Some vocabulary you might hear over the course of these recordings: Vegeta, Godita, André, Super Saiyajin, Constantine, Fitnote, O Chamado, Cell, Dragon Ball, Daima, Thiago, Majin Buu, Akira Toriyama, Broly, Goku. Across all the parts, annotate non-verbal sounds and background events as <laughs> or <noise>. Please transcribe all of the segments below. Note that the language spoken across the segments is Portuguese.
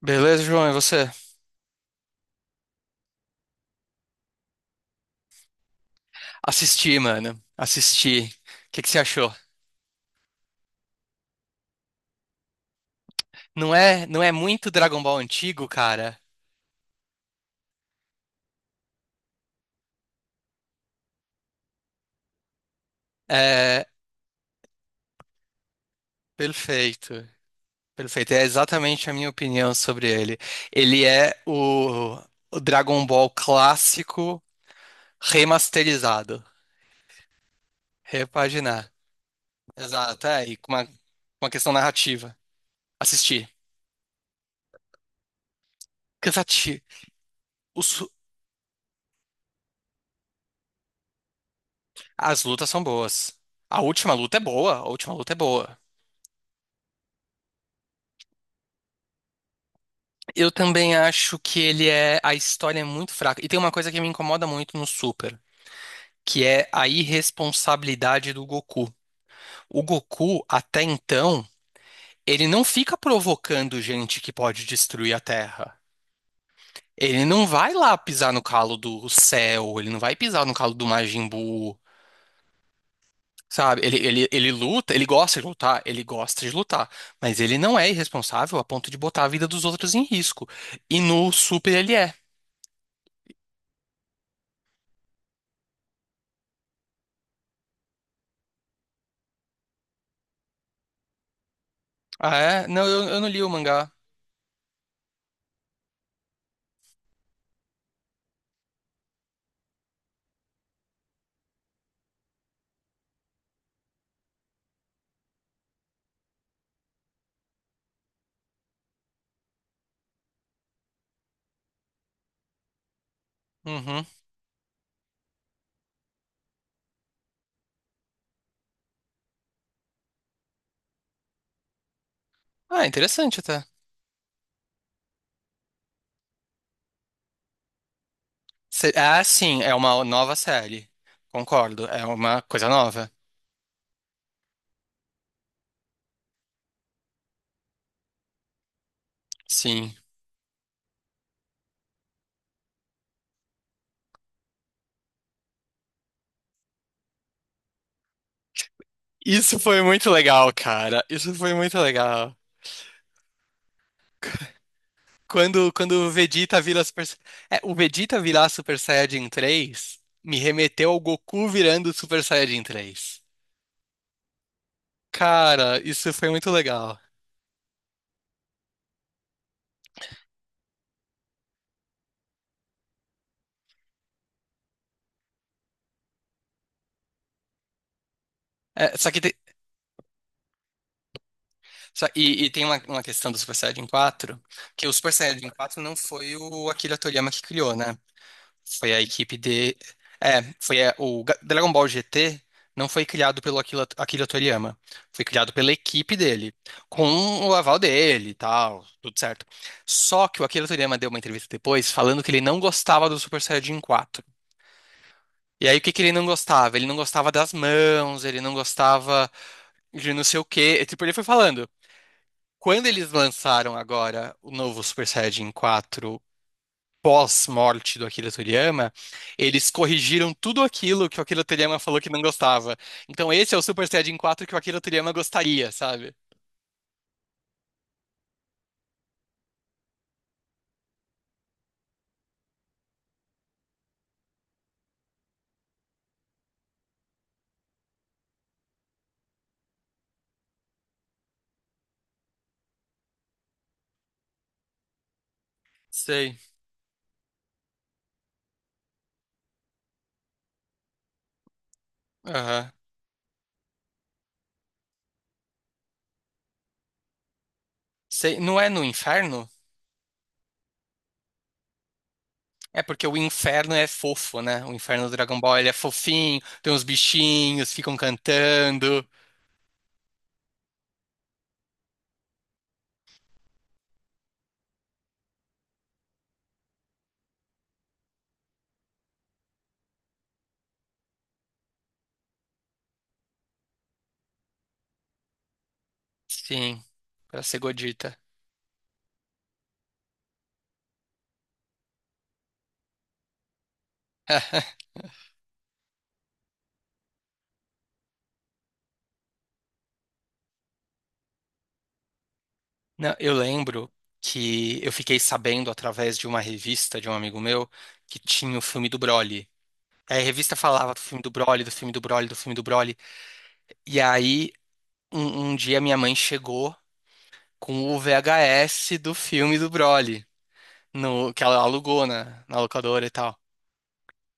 Beleza, João, e você? Assisti, mano. Assisti. O que você achou? Não é muito Dragon Ball antigo, cara? É perfeito. Perfeito. É exatamente a minha opinião sobre ele. Ele é o Dragon Ball clássico remasterizado. Repaginar. Exato, é, e com uma questão narrativa. Assisti. Cansativo. Os- As lutas são boas. A última luta é boa. A última luta é boa. Eu também acho que ele é. A história é muito fraca. E tem uma coisa que me incomoda muito no Super, que é a irresponsabilidade do Goku. O Goku, até então, ele não fica provocando gente que pode destruir a Terra. Ele não vai lá pisar no calo do Cell, ele não vai pisar no calo do Majin Buu, sabe? Ele luta, ele gosta de lutar, ele gosta de lutar, mas ele não é irresponsável a ponto de botar a vida dos outros em risco. E no Super ele é. Ah, é? Não, eu não li o mangá. Uhum. Ah, interessante até. Ah, sim, é uma nova série. Concordo, é uma coisa nova. Sim. Isso foi muito legal, cara. Isso foi muito legal. Quando o Vegeta vira Super... É, o Vegeta virar Super Saiyajin três me remeteu ao Goku virando Super Saiyajin três. Cara, isso foi muito legal. É, só que tem, e tem uma questão do Super Saiyajin quatro, que o Super Saiyajin quatro não foi o Akira Toriyama que criou, né? Foi a equipe de. É, foi a- o Ga- Dragon Ball GT não foi criado pelo Akira, Akira Toriyama. Foi criado pela equipe dele, com o aval dele e tal, tudo certo. Só que o Akira Toriyama deu uma entrevista depois falando que ele não gostava do Super Saiyajin 4. E aí, o que ele não gostava? Ele não gostava das mãos, ele não gostava de não sei o quê. E tipo, ele foi falando. Quando eles lançaram agora o novo Super Saiyajin 4 pós-morte do Akira Toriyama, eles corrigiram tudo aquilo que o Akira Toriyama falou que não gostava. Então esse é o Super Saiyajin 4 que o Akira Toriyama gostaria, sabe? Sei. Aham. Sei. Não é no inferno? É porque o inferno é fofo, né? O inferno do Dragon Ball, ele é fofinho, tem uns bichinhos, ficam cantando. Sim, pra ser Godita. <laughs> Não, eu lembro que eu fiquei sabendo através de uma revista de um amigo meu que tinha o filme do Broly. É, a revista falava do filme do Broly, do filme do Broly, do filme do Broly. E aí, um dia minha mãe chegou com o VHS do filme do Broly, no, que ela alugou na locadora e tal.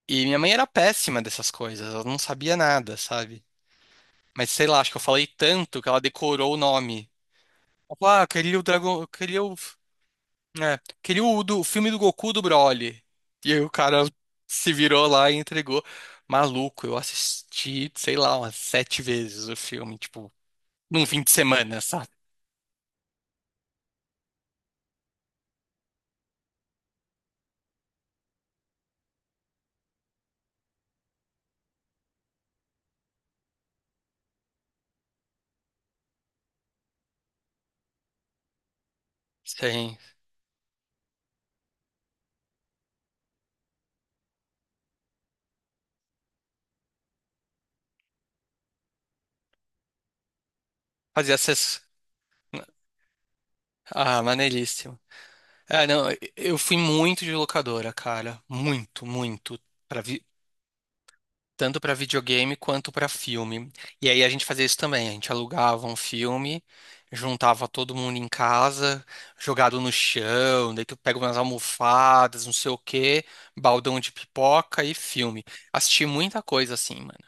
E minha mãe era péssima dessas coisas, ela não sabia nada, sabe? Mas sei lá, acho que eu falei tanto que ela decorou o nome. Ela falou, ah, eu queria o dragão, eu queria o é, queria o, do, o filme do Goku do Broly. E aí o cara se virou lá e entregou. Maluco, eu assisti, sei lá, umas sete vezes o filme, tipo, num fim de semana, sabe? Sim, fazia essas. Ah, maneiríssimo. É, não, eu fui muito de locadora, cara. Muito, muito. Pra, vi- Tanto para videogame quanto para filme. E aí a gente fazia isso também, a gente alugava um filme, juntava todo mundo em casa, jogado no chão, daí tu pega umas almofadas, não sei o quê, baldão de pipoca e filme. Assisti muita coisa assim, mano.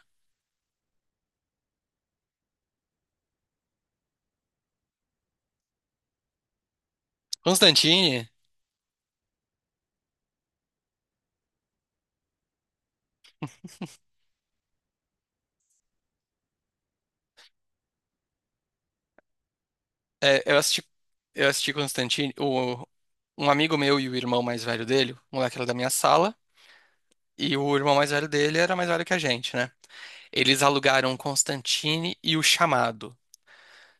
Constantine, é, eu assisti Constantine, o, um amigo meu e o irmão mais velho dele, o moleque era da minha sala. E o irmão mais velho dele era mais velho que a gente, né? Eles alugaram Constantine e O Chamado.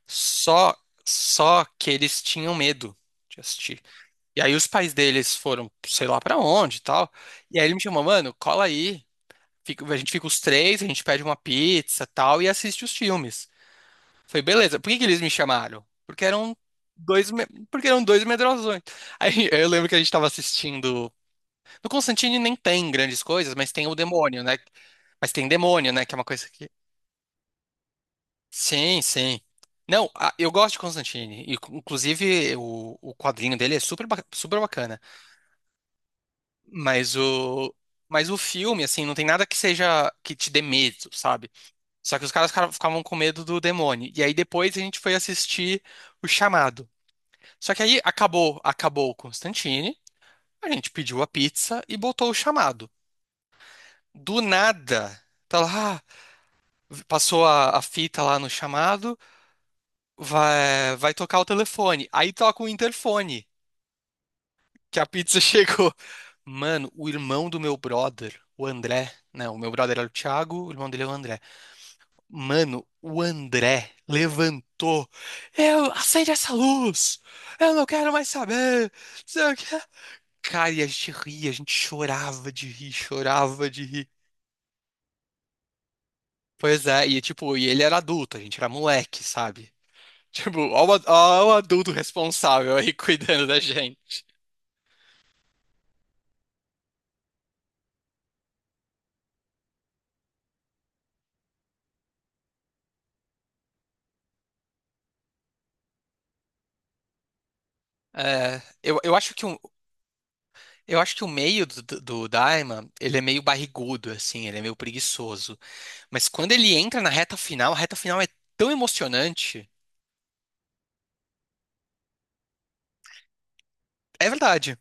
Só, Só que eles tinham medo de assistir. E aí os pais deles foram, sei lá pra onde e tal. E aí ele me chamou, mano, cola aí. A gente fica os três, a gente pede uma pizza tal e assiste os filmes. Foi beleza. Por que que eles me chamaram? Porque eram porque eram dois medrosões. <laughs> Aí eu lembro que a gente tava assistindo. No Constantine nem tem grandes coisas, mas tem o demônio, né? Mas tem demônio, né? Que é uma coisa que sim, sim. Não, eu gosto de Constantine. E inclusive, o quadrinho dele é super, super bacana. Mas o, mas o filme, assim, não tem nada que seja que te dê medo, sabe? Só que os caras ficavam com medo do demônio. E aí depois a gente foi assistir O Chamado. Só que aí acabou, acabou o Constantine, a gente pediu a pizza e botou o chamado. Do nada, tá lá, passou a fita lá no chamado. Vai tocar o telefone. Aí toca o interfone. Que a pizza <laughs> chegou. Mano, o irmão do meu brother, o André, né? O meu brother era o Thiago, o irmão dele é o André. Mano, o André levantou. Eu acende essa luz. Eu não quero mais saber. Não sei o quê. Cara, e a gente ria, a gente chorava de rir, chorava de rir. Pois é, e tipo, e ele era adulto, a gente era moleque, sabe? Tipo, ó o adulto responsável aí <laughs> cuidando da gente. É, eu acho que um eu acho que o meio do Daima, ele é meio barrigudo, assim, ele é meio preguiçoso. Mas quando ele entra na reta final, a reta final é tão emocionante. É verdade.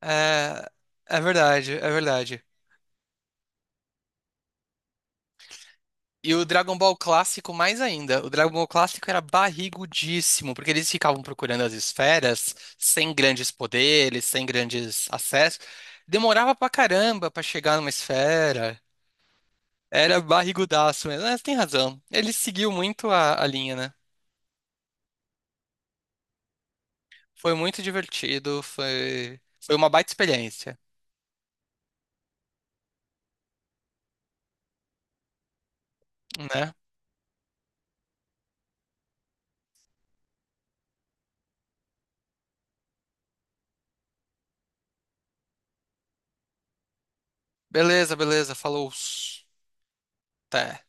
É, é verdade, é verdade. E o Dragon Ball clássico mais ainda. O Dragon Ball clássico era barrigudíssimo, porque eles ficavam procurando as esferas, sem grandes poderes, sem grandes acessos. Demorava pra caramba pra chegar numa esfera. Era barrigudaço mesmo. Mas tem razão. Ele seguiu muito a linha, né? Foi muito divertido, foi uma baita experiência, né? Beleza, beleza, falou. Até.